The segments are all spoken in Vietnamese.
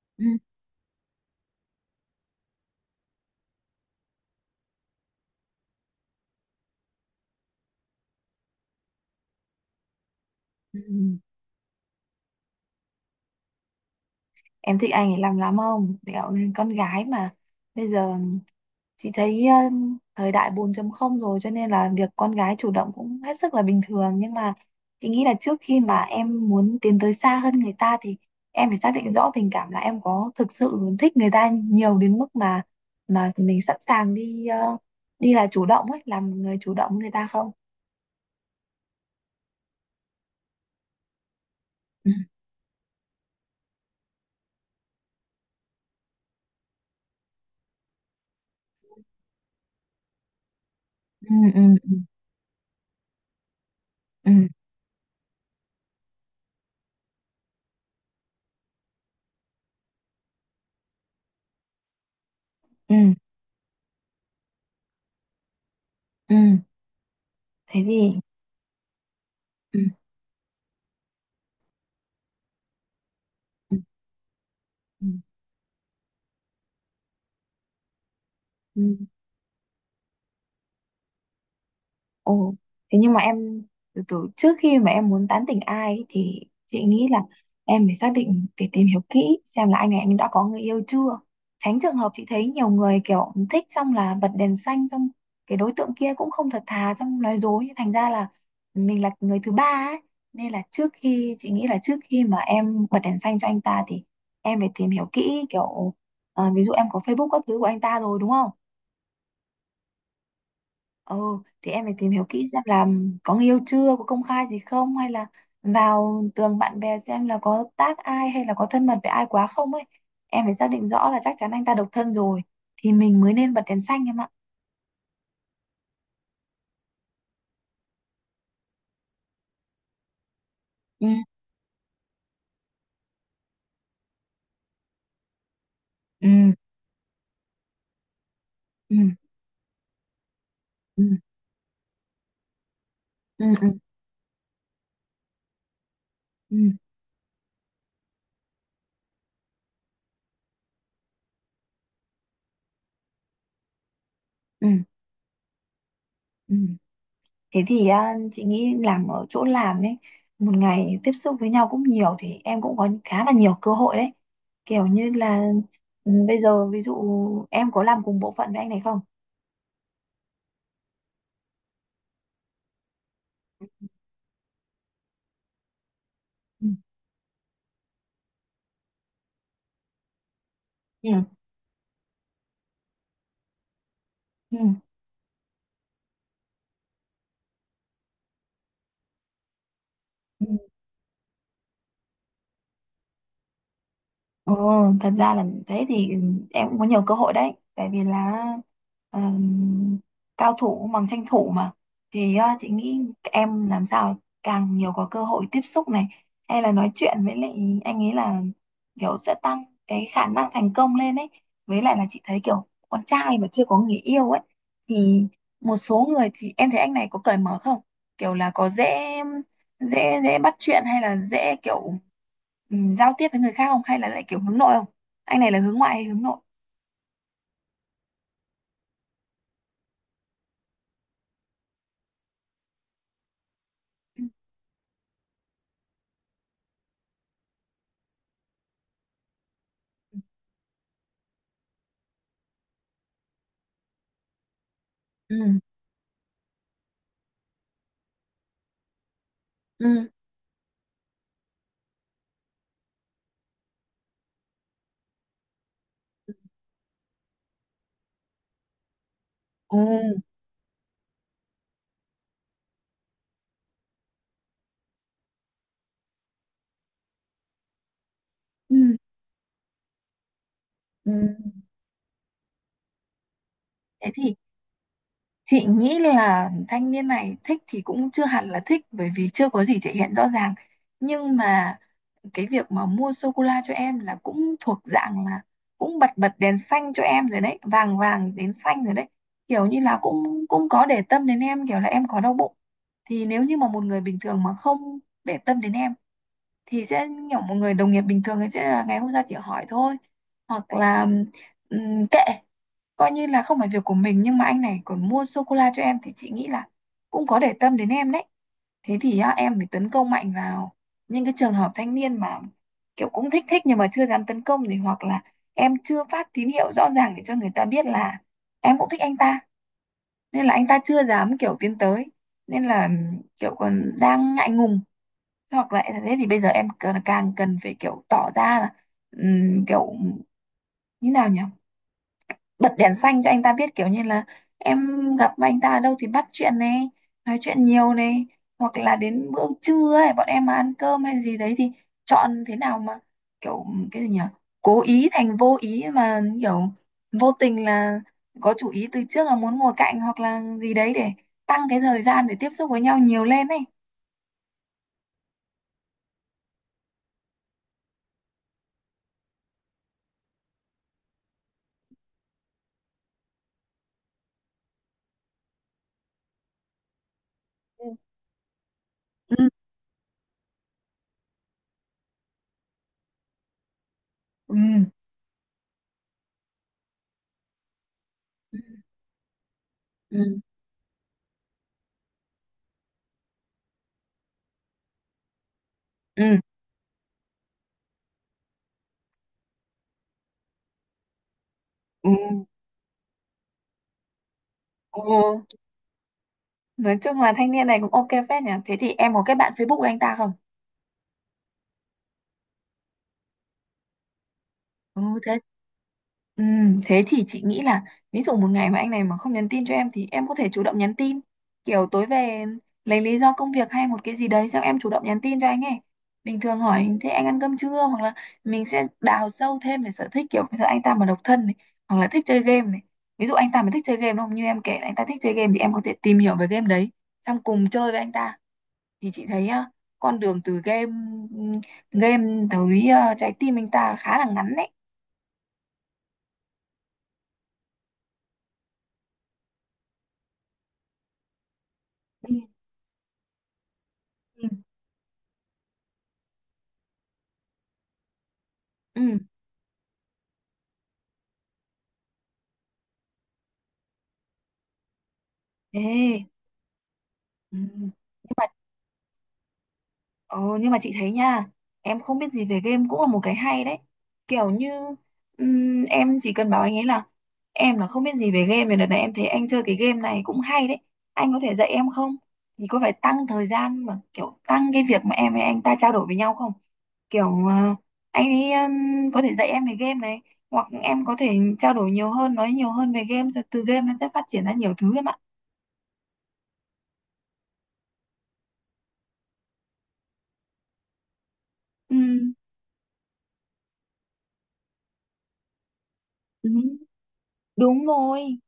Ừ, ừ, ừ. Em thích anh ấy làm lắm không? Kiểu nên con gái mà bây giờ chị thấy thời đại 4 không rồi, cho nên là việc con gái chủ động cũng hết sức là bình thường. Nhưng mà chị nghĩ là trước khi mà em muốn tiến tới xa hơn người ta thì em phải xác định rõ tình cảm, là em có thực sự thích người ta nhiều đến mức mà mình sẵn sàng đi, là chủ động ấy, làm người chủ động với người ta không? Ừ, ừ, ừ, ừ, ừ, ừ, ừ. Thế thì. Ừ, ừ, ừ. Ồ, thế nhưng mà em, từ từ trước khi mà em muốn tán tỉnh ai ấy, thì chị nghĩ là em phải xác định, phải tìm hiểu kỹ xem là anh này anh đã có người yêu chưa. Tránh trường hợp chị thấy nhiều người kiểu thích xong là bật đèn xanh, xong cái đối tượng kia cũng không thật thà, xong nói dối, nhưng thành ra là mình là người thứ ba ấy. Nên là trước khi, chị nghĩ là trước khi mà em bật đèn xanh cho anh ta thì em phải tìm hiểu kỹ kiểu, à, ví dụ em có Facebook các thứ của anh ta rồi, đúng không? Ừ, thì em phải tìm hiểu kỹ xem là có người yêu chưa, có công khai gì không, hay là vào tường bạn bè xem là có tác ai, hay là có thân mật với ai quá không ấy. Em phải xác định rõ là chắc chắn anh ta độc thân rồi thì mình mới nên bật đèn xanh em ạ. Ừ, ừ, ừ, ừ, ừ, ừ, ừ, ừ. Ừ. Thế thì à, chị nghĩ làm ở chỗ làm ấy, một ngày tiếp xúc với nhau cũng nhiều thì em cũng có khá là nhiều cơ hội đấy. Kiểu như là, ừ, bây giờ ví dụ em có làm cùng bộ phận với anh này không? Ừ. Ừ. Ừ. Ừ, thật ra là, thế thì, ừ, em cũng có nhiều cơ hội đấy, tại vì là ờm, cao thủ bằng tranh thủ mà. Thì chị nghĩ em làm sao càng nhiều có cơ hội tiếp xúc này, hay là nói chuyện với lại anh ấy, là kiểu sẽ tăng cái khả năng thành công lên ấy. Với lại là chị thấy kiểu con trai mà chưa có người yêu ấy thì, một số người thì em thấy anh này có cởi mở không, kiểu là có dễ dễ dễ bắt chuyện, hay là dễ kiểu, ừ, giao tiếp với người khác không, hay là lại kiểu hướng nội không? Anh này là hướng ngoại hay hướng nội? Ừ, ừ, ừ, ồ, ừ. Ừ. Thế thì chị nghĩ là thanh niên này thích thì cũng chưa hẳn là thích, bởi vì chưa có gì thể hiện rõ ràng. Nhưng mà cái việc mà mua sô cô la cho em là cũng thuộc dạng là cũng bật bật đèn xanh cho em rồi đấy, vàng vàng đến xanh rồi đấy. Kiểu như là cũng cũng có để tâm đến em, kiểu là em có đau bụng, thì nếu như mà một người bình thường mà không để tâm đến em thì sẽ kiểu một người đồng nghiệp bình thường ấy, sẽ là ngày hôm sau chỉ hỏi thôi, hoặc là kệ, coi như là không phải việc của mình. Nhưng mà anh này còn mua sô cô la cho em thì chị nghĩ là cũng có để tâm đến em đấy. Thế thì á, em phải tấn công mạnh vào những cái trường hợp thanh niên mà kiểu cũng thích thích nhưng mà chưa dám tấn công, thì hoặc là em chưa phát tín hiệu rõ ràng để cho người ta biết là em cũng thích anh ta, nên là anh ta chưa dám kiểu tiến tới, nên là kiểu còn đang ngại ngùng. Hoặc là thế thì bây giờ em cần, càng cần phải kiểu tỏ ra là kiểu như nào nhỉ, bật đèn xanh cho anh ta biết, kiểu như là em gặp anh ta ở đâu thì bắt chuyện này, nói chuyện nhiều này, hoặc là đến bữa trưa ấy bọn em mà ăn cơm hay gì đấy thì chọn thế nào mà kiểu, cái gì nhỉ, cố ý thành vô ý mà kiểu, vô tình là có chủ ý từ trước, là muốn ngồi cạnh hoặc là gì đấy để tăng cái thời gian để tiếp xúc với nhau nhiều lên ấy. Ừ, ừ, ừ, ừ, ừ, ừ, ừ. Nói chung là thanh niên này cũng ok phết nhỉ. Thế thì em có kết bạn Facebook của anh ta không? Ừ, thế, ừ, thế thì chị nghĩ là ví dụ một ngày mà anh này mà không nhắn tin cho em thì em có thể chủ động nhắn tin. Kiểu tối về lấy lý do công việc hay một cái gì đấy xong em chủ động nhắn tin cho anh ấy. Bình thường hỏi thế anh ăn cơm chưa, hoặc là mình sẽ đào sâu thêm về sở thích, kiểu bây giờ anh ta mà độc thân này, hoặc là thích chơi game này. Ví dụ anh ta mà thích chơi game đúng không? Như em kể là anh ta thích chơi game thì em có thể tìm hiểu về game đấy xong cùng chơi với anh ta, thì chị thấy á, con đường từ game game tới trái tim anh ta khá là ngắn đấy. Ừ. Ừ. Ừ, thế, ừ. Ờ, nhưng mà chị thấy nha, em không biết gì về game cũng là một cái hay đấy. Kiểu như em chỉ cần bảo anh ấy là em là không biết gì về game, thì đợt này em thấy anh chơi cái game này cũng hay đấy. Anh có thể dạy em không? Thì có phải tăng thời gian mà kiểu tăng cái việc mà em với anh ta trao đổi với nhau không? Kiểu anh ấy có thể dạy em về game này, hoặc em có thể trao đổi nhiều hơn, nói nhiều hơn về game, rồi từ game nó sẽ phát triển ra nhiều thứ em ạ. Ừ. Ừ. Đúng rồi.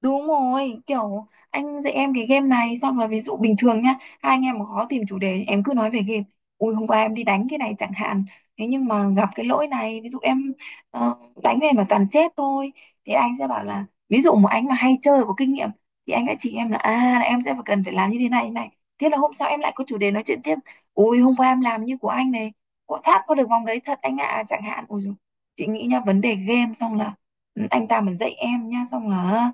Đúng rồi, kiểu anh dạy em cái game này xong là, ví dụ bình thường nhá, hai anh em mà khó tìm chủ đề, em cứ nói về game. Ui hôm qua em đi đánh cái này chẳng hạn. Thế nhưng mà gặp cái lỗi này, ví dụ em ờ, đánh này mà toàn chết thôi, thì anh sẽ bảo là ví dụ một anh mà hay chơi có kinh nghiệm thì anh sẽ chỉ em là, à là em sẽ phải, cần phải làm như thế này thế này. Thế là hôm sau em lại có chủ đề nói chuyện tiếp. Ui hôm qua em làm như của anh này, có thoát qua được vòng đấy thật anh ạ, chẳng hạn. Ui dồi, chị nghĩ nhá, vấn đề game xong là, ừ, anh ta mà dạy em nhá xong là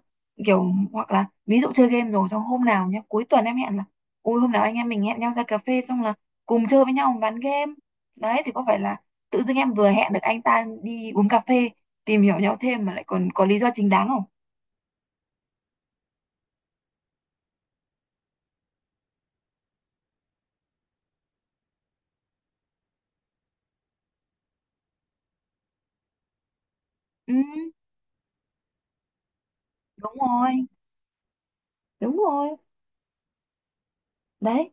kiểu, hoặc là ví dụ chơi game rồi xong hôm nào nhá cuối tuần em hẹn là, ui hôm nào anh em mình hẹn nhau ra cà phê xong là cùng chơi với nhau ván game, đấy thì có phải là tự dưng em vừa hẹn được anh ta đi uống cà phê, tìm hiểu nhau thêm mà lại còn có lý do chính đáng không? Ừ, đúng rồi, đúng rồi. Đấy,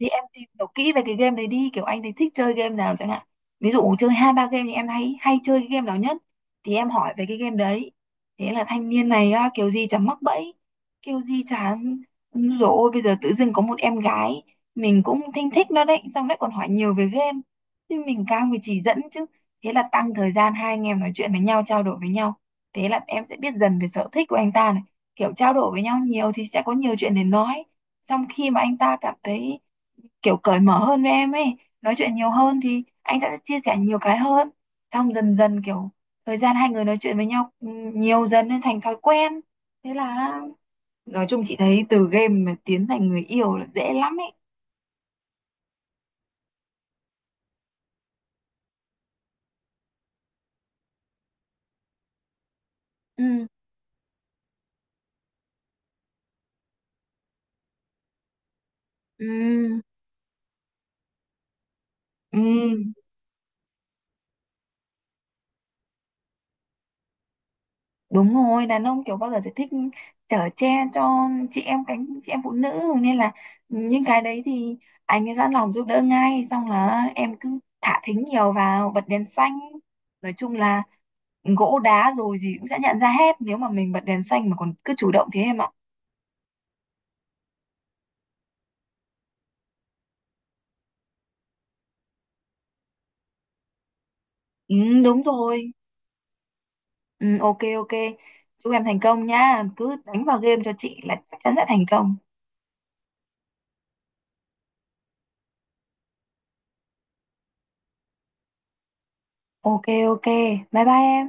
thì em tìm hiểu kỹ về cái game đấy đi, kiểu anh thì thích chơi game nào chẳng hạn, ví dụ chơi hai ba game thì em thấy hay chơi cái game nào nhất, thì em hỏi về cái game đấy. Thế là thanh niên này á, kiểu gì chẳng mắc bẫy, kiểu gì chán rồi, ôi bây giờ tự dưng có một em gái mình cũng thinh thích nó đấy, xong lại còn hỏi nhiều về game, thì mình càng phải chỉ dẫn chứ. Thế là tăng thời gian hai anh em nói chuyện với nhau, trao đổi với nhau, thế là em sẽ biết dần về sở thích của anh ta này, kiểu trao đổi với nhau nhiều thì sẽ có nhiều chuyện để nói. Xong khi mà anh ta cảm thấy kiểu cởi mở hơn với em ấy, nói chuyện nhiều hơn thì anh sẽ chia sẻ nhiều cái hơn, xong dần dần kiểu, thời gian hai người nói chuyện với nhau nhiều dần nên thành thói quen. Thế là nói chung chị thấy từ game mà tiến thành người yêu là dễ lắm ấy. Ừ. Ừ. Ừ. Đúng rồi, đàn ông kiểu bao giờ sẽ thích chở che cho chị em, cánh chị em phụ nữ, nên là những cái đấy thì anh ấy sẵn lòng giúp đỡ ngay, xong là em cứ thả thính nhiều vào, bật đèn xanh, nói chung là gỗ đá rồi gì cũng sẽ nhận ra hết, nếu mà mình bật đèn xanh mà còn cứ chủ động thế em ạ. Ừ, đúng rồi. Ừ, ok, ok. Chúc em thành công nha, cứ đánh vào game cho chị là chắc chắn sẽ thành công. Ok. Ok. Bye bye em.